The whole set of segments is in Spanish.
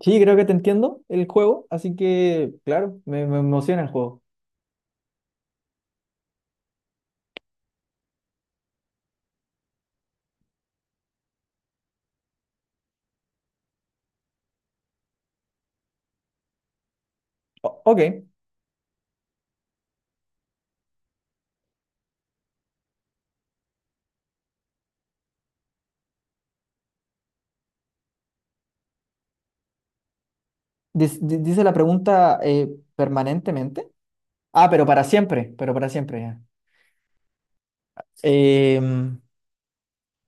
Sí, creo que te entiendo el juego, así que, claro, me emociona el juego. Ok. Dice la pregunta permanentemente. Ah, pero para siempre ya. Em,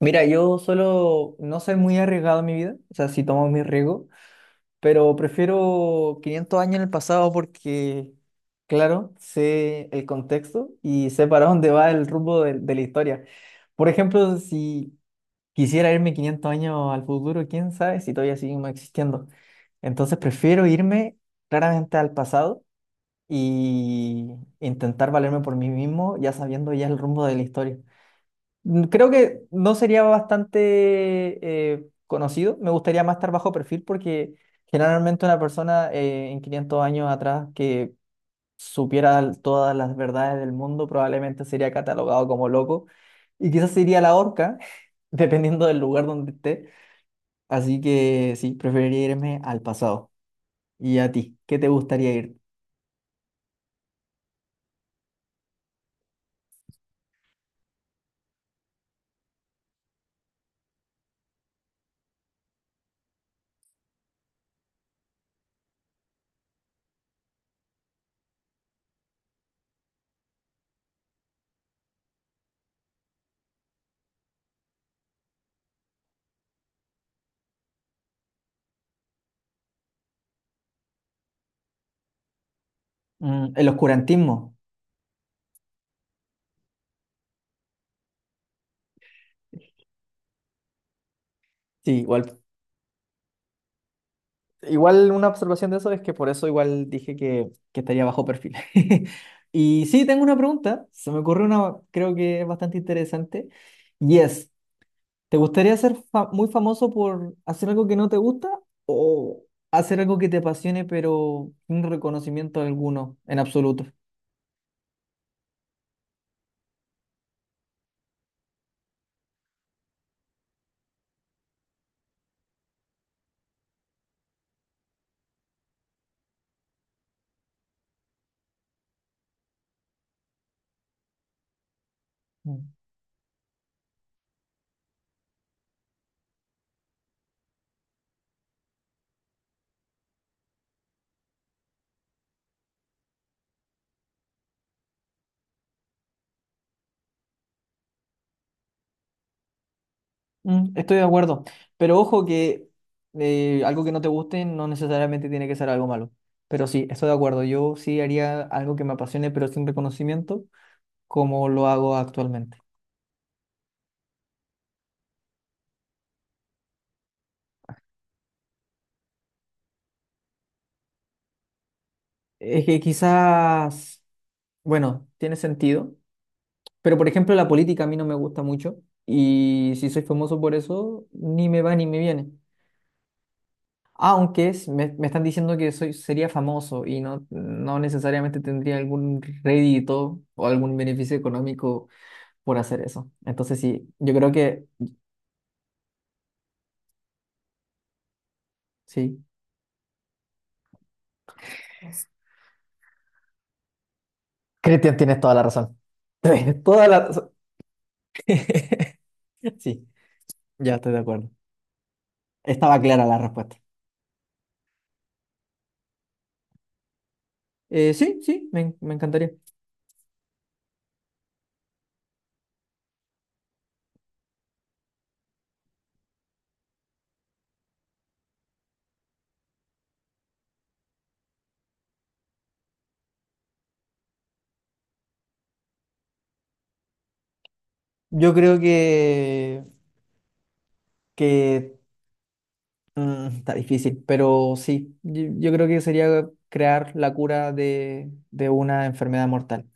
Mira, yo solo no soy muy arriesgado en mi vida, o sea, sí tomo mi riesgo, pero prefiero 500 años en el pasado porque, claro, sé el contexto y sé para dónde va el rumbo de la historia. Por ejemplo, si quisiera irme 500 años al futuro, quién sabe si todavía seguimos existiendo. Entonces prefiero irme claramente al pasado y intentar valerme por mí mismo, ya sabiendo ya el rumbo de la historia. Mm, creo que no sería bastante conocido, me gustaría más estar bajo perfil porque generalmente una persona en 500 años atrás que supiera todas las verdades del mundo probablemente sería catalogado como loco y quizás sería la horca, dependiendo del lugar donde esté. Así que sí, preferiría irme al pasado. ¿Y a ti? ¿Qué te gustaría ir? Mm, el oscurantismo. Sí, igual. Igual una observación de eso es que por eso igual dije que estaría bajo perfil. Y sí, tengo una pregunta. Se me ocurrió una, creo que es bastante interesante. Y es, ¿te gustaría ser muy famoso por hacer algo que no te gusta o hacer algo que te apasione pero sin reconocimiento alguno en absoluto? Mm. Mm, estoy de acuerdo, pero ojo que algo que no te guste no necesariamente tiene que ser algo malo. Pero sí, estoy de acuerdo. Yo sí haría algo que me apasione, pero sin reconocimiento, como lo hago actualmente. Es que quizás, bueno, tiene sentido, pero por ejemplo la política a mí no me gusta mucho y si soy famoso por eso, ni me va ni me viene. Aunque me están diciendo que soy, sería famoso y no necesariamente tendría algún rédito o algún beneficio económico por hacer eso. Entonces sí, yo creo que sí. Cristian, tienes toda la razón. Tienes toda la razón. Sí, ya estoy de acuerdo. Estaba clara la respuesta. Sí, sí, me encantaría. Yo creo que mm, está difícil, pero sí, yo creo que sería crear la cura de una enfermedad mortal,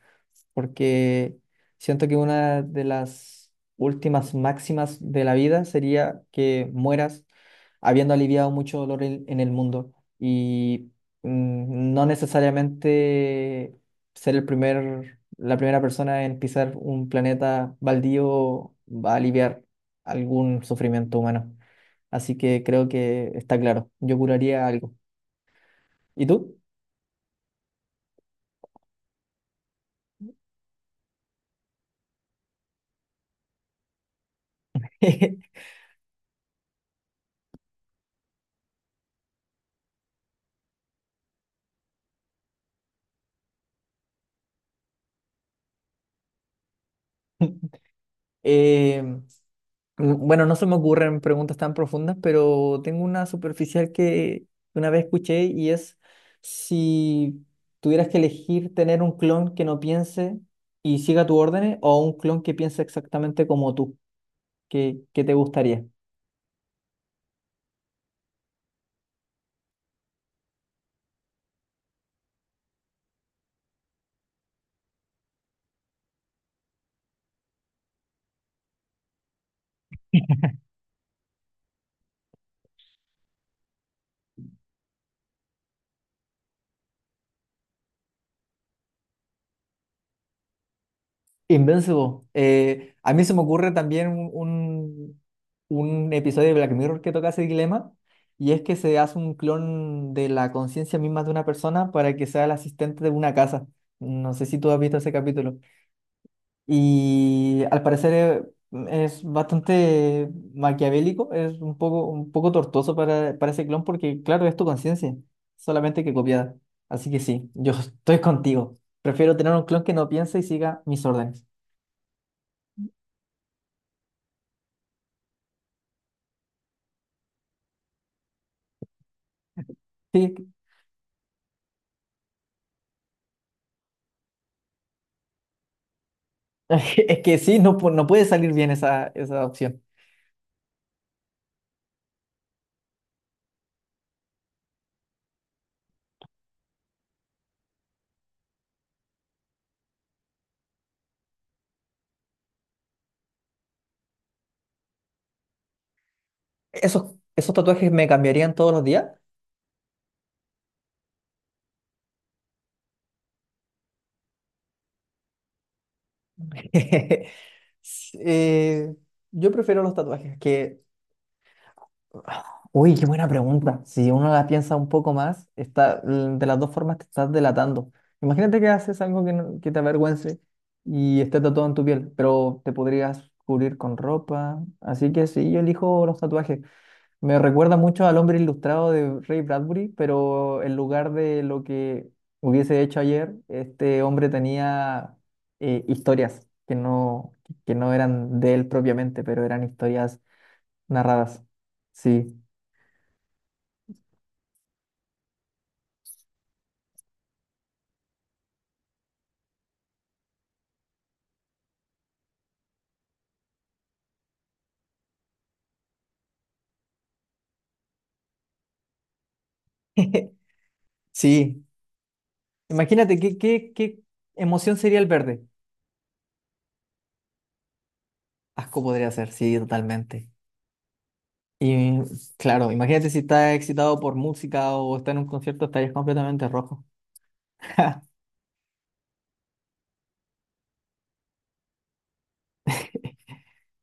porque siento que una de las últimas máximas de la vida sería que mueras habiendo aliviado mucho dolor en el mundo y mm, no necesariamente ser el la primera persona en pisar un planeta baldío va a aliviar algún sufrimiento humano. Así que creo que está claro, yo curaría algo. ¿Y tú? Eh, m- bueno, no se me ocurren preguntas tan profundas, pero tengo una superficial que una vez escuché y es si tuvieras que elegir tener un clon que no piense y siga tus órdenes o un clon que piense exactamente como tú, qué te gustaría? Invincible. A mí se me ocurre también un episodio de Black Mirror que toca ese dilema, y es que se hace un clon de la conciencia misma de una persona para que sea el asistente de una casa. No sé si tú has visto ese capítulo. Y al parecer es bastante maquiavélico, es un poco tortuoso para ese clon porque, claro, es tu conciencia, solamente que copiada. Así que sí, yo estoy contigo. Prefiero tener un clon que no piense y siga mis órdenes. Sí, es que sí, no, no puede salir bien esa opción. Esos tatuajes me cambiarían todos los días? S- eh, yo prefiero los tatuajes que... Uy, qué buena pregunta. Si uno la piensa un poco más, de las dos formas te estás delatando. Imagínate que haces algo que, no- que te avergüence y esté tatuado en tu piel, pero te podrías cubrir con ropa. Así que sí, yo elijo los tatuajes. Me recuerda mucho al hombre ilustrado de Ray Bradbury, pero en lugar de lo que hubiese hecho ayer, este hombre tenía historias que no eran de él propiamente, pero eran historias narradas. Sí. Sí. Imagínate, qué emoción sería el verde? Asco podría ser, sí, totalmente. Y claro, imagínate si estás excitado por música o estás en un concierto, estarías completamente rojo.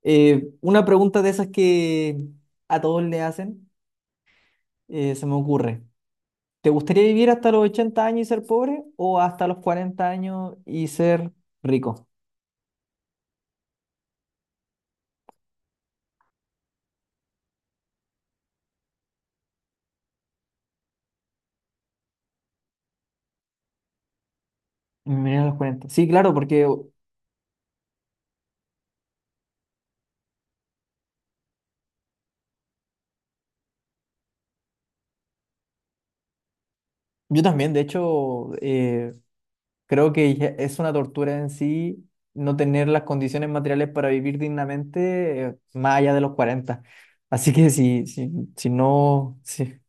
Una pregunta de esas que a todos le hacen, se me ocurre. ¿Te gustaría vivir hasta los 80 años y ser pobre o hasta los 40 años y ser rico? Mira, los 40 sí, claro, porque yo también, de hecho, creo que ya es una tortura en sí no tener las condiciones materiales para vivir dignamente, más allá de los cuarenta. Así que sí, sí, si no... Sí.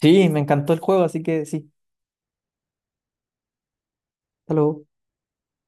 Sí, me encantó el juego, así que sí. Hasta luego.